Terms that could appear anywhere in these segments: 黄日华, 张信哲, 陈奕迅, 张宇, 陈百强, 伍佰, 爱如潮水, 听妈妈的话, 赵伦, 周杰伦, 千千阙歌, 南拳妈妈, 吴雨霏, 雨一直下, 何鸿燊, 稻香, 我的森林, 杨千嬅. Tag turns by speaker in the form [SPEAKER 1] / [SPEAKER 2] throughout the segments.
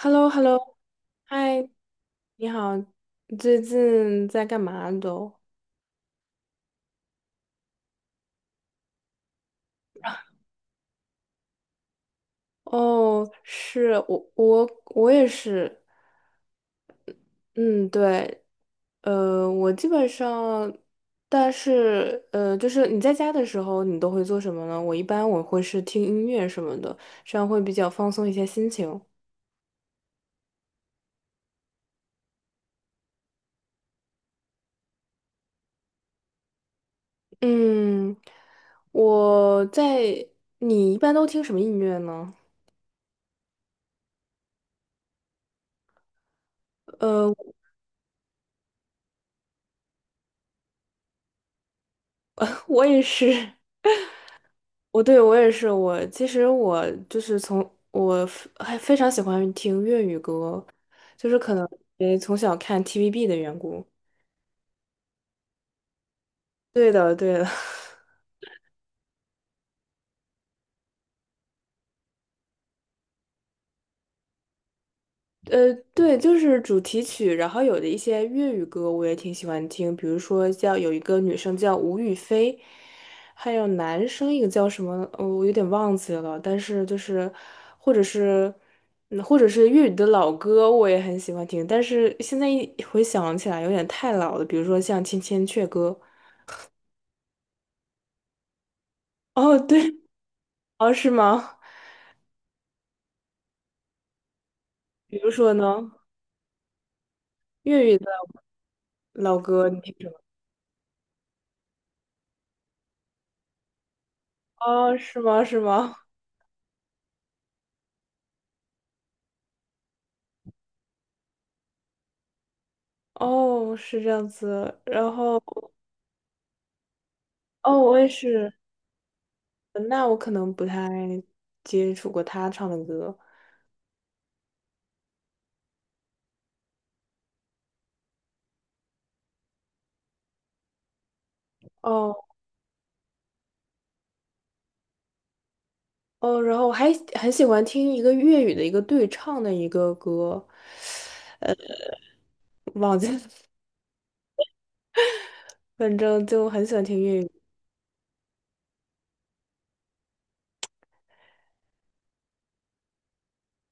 [SPEAKER 1] h e l l o h e l l o 嗨，你好，你最近在干嘛都？哦，是我也是，嗯，对，我基本上，但是就是你在家的时候，你都会做什么呢？我一般我会是听音乐什么的，这样会比较放松一些心情。嗯，我在，你一般都听什么音乐呢？呃，我也是。我也是，我其实就是从我非常喜欢听粤语歌，就是可能因为从小看 TVB 的缘故。对的，对的。对，就是主题曲，然后有的一些粤语歌我也挺喜欢听，比如说叫有一个女生叫吴雨霏，还有男生一个叫什么，我有点忘记了，但是就是或者是或者是粤语的老歌我也很喜欢听，但是现在一回想起来有点太老了，比如说像《千千阙歌》，哦，对，哦，是吗？比如说呢，粤语的老歌你听什么？哦，是吗？是吗？哦，是这样子，然后。哦，我也是，嗯那我可能不太接触过他唱的歌。哦哦，然后我还很喜欢听一个粤语的一个对唱的一个歌，忘记了，反正就很喜欢听粤语。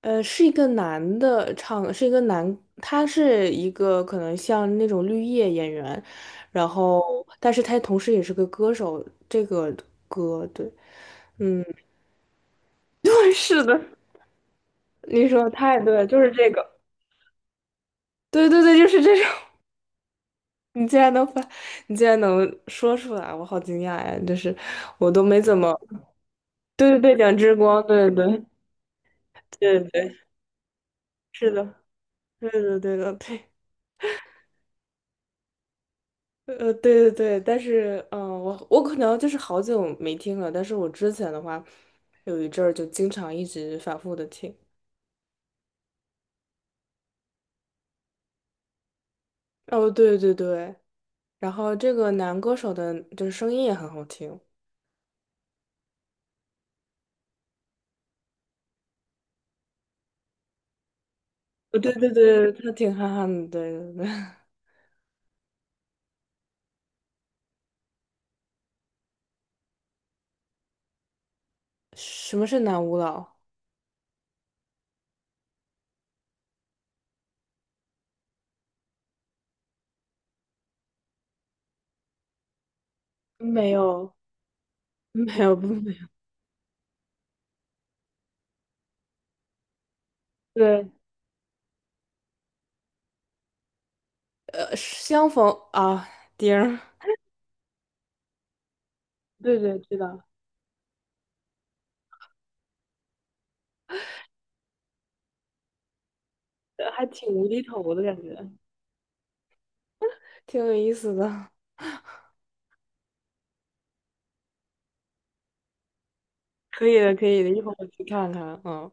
[SPEAKER 1] 是一个男的唱，是一个男，他是一个可能像那种绿叶演员，然后但是他同时也是个歌手，这个歌对，嗯，对，是的，你说得太对了，就是这个，对对对，就是这种。你竟然能发，你竟然能说出来，我好惊讶呀！就是我都没怎么，对对对，两只光，对对对对对，是的，对的对的对，对对对，但是我可能就是好久没听了，但是我之前的话有一阵儿就经常一直反复的听。哦，对对对，然后这个男歌手的就是声音也很好听。对对对，他挺憨憨的，对对对。什么是男舞蹈？没有，没有，不没有。对相逢啊，丁儿，对对，知道，还挺无厘头的感觉。挺有意思的。可以的，可以的，一会儿我去看看。嗯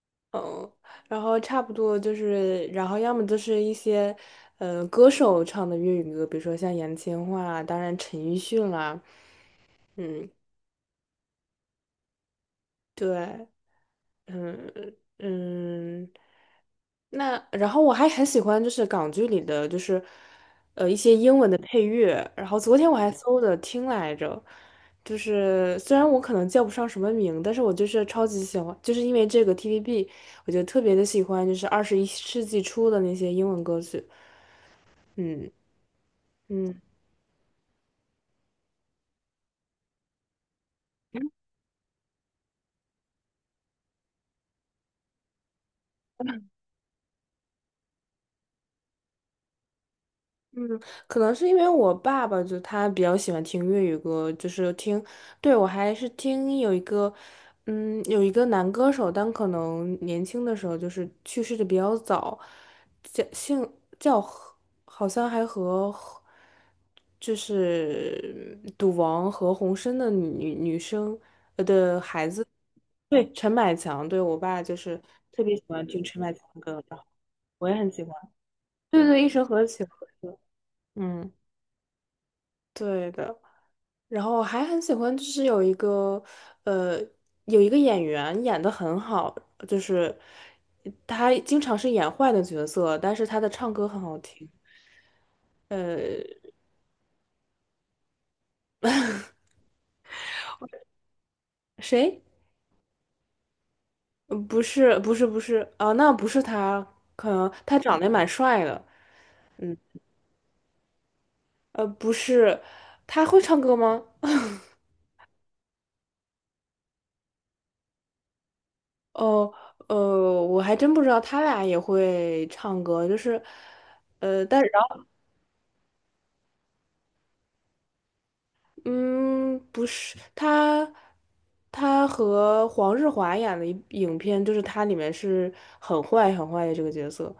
[SPEAKER 1] 嗯，然后差不多就是，然后要么就是一些，歌手唱的粤语歌，比如说像杨千嬅啊，当然陈奕迅啦，嗯，对。嗯嗯，那然后我还很喜欢就是港剧里的就是一些英文的配乐，然后昨天我还搜的听来着，就是虽然我可能叫不上什么名，但是我就是超级喜欢，就是因为这个 TVB，我就特别的喜欢就是21世纪初的那些英文歌曲，嗯嗯。嗯，可能是因为我爸爸就他比较喜欢听粤语歌，就是听，对，我还是听有一个，嗯，有一个男歌手，但可能年轻的时候就是去世的比较早，叫姓叫何好像还和就是赌王何鸿燊的女生的孩子，对，陈百强，对我爸就是特别喜欢听陈百强的歌，然后我也很喜欢，对对，一生何其何嗯。对的，然后还很喜欢，就是有一个，呃，有一个演员演的很好，就是他经常是演坏的角色，但是他的唱歌很好听。呃，谁？不是，不是，不是啊，那不是他，可能他长得也蛮帅的。不是，他会唱歌吗？哦，我还真不知道他俩也会唱歌，就是，呃，但。然嗯，不是，他和黄日华演的一影片，就是他里面是很坏很坏的这个角色，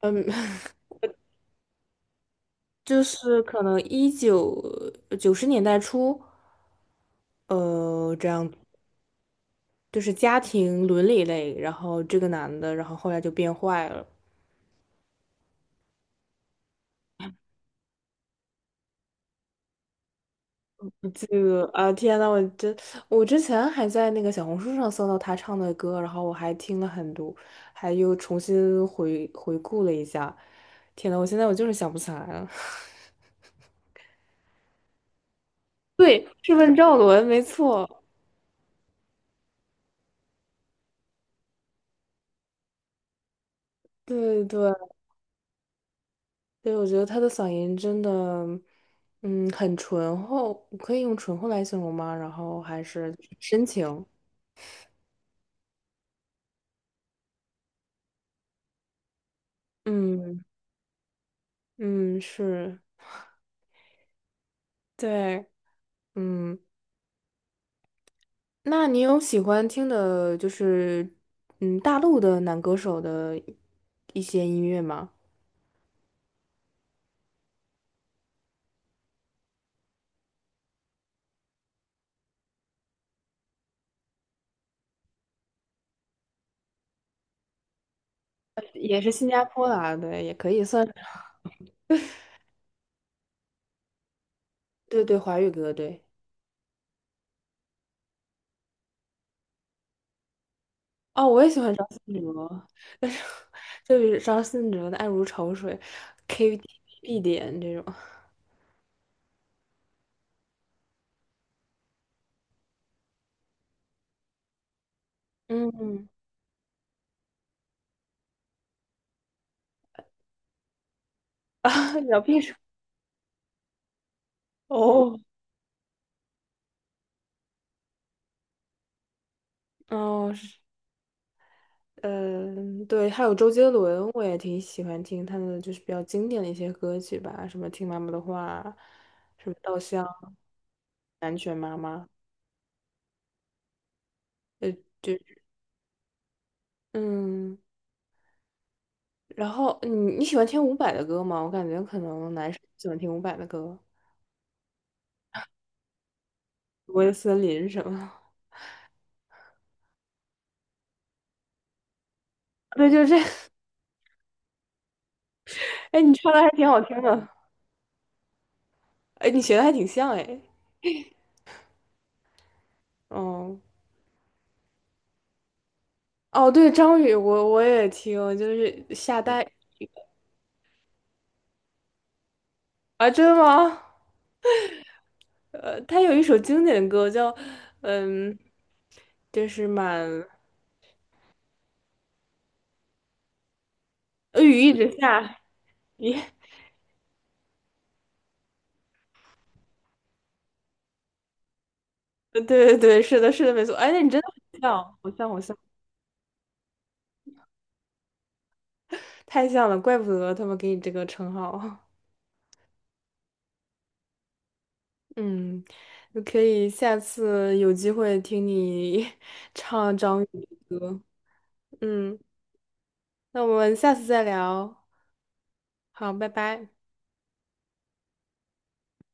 [SPEAKER 1] 嗯，就是可能90年代初，这样就是家庭伦理类，然后这个男的，然后后来就变坏了。这个啊，天呐，我真，我之前还在那个小红书上搜到他唱的歌，然后我还听了很多，还又重新回顾了一下。天呐，我现在我就是想不起来了。对，是问赵伦，没错。对对对，我觉得他的嗓音真的，嗯，很醇厚，可以用醇厚来形容吗？然后还是深情，嗯嗯，是，对，嗯。那你有喜欢听的，就是大陆的男歌手的一些音乐吗？也是新加坡的啊，对，也可以算是对对，华语歌，对。哦，我也喜欢张信哲，但是就是张信哲的《爱如潮水》，KTV 必点这种。嗯，聊必说哦哦是，嗯，对，还有周杰伦，我也挺喜欢听他的，就是比较经典的一些歌曲吧，什么《听妈妈的话》，什么《稻香》。南拳妈妈，呃，就嗯，然后你喜欢听伍佰的歌吗？我感觉可能男生喜欢听伍佰的歌，《我的森林》什么，对，就是这，哎，你唱的还挺好听的，哎，你学的还挺像，哎，哦，哦，对，张宇，我也听，就是夏代啊，真的吗？他有一首经典的歌叫，嗯，就是满呃雨一直下，咦，对对对，是的，是的，没错，哎，那你真的很像，好像好像。太像了，怪不得他们给你这个称号。嗯，就可以下次有机会听你 唱张宇的歌。嗯，那我们下次再聊。好，拜拜。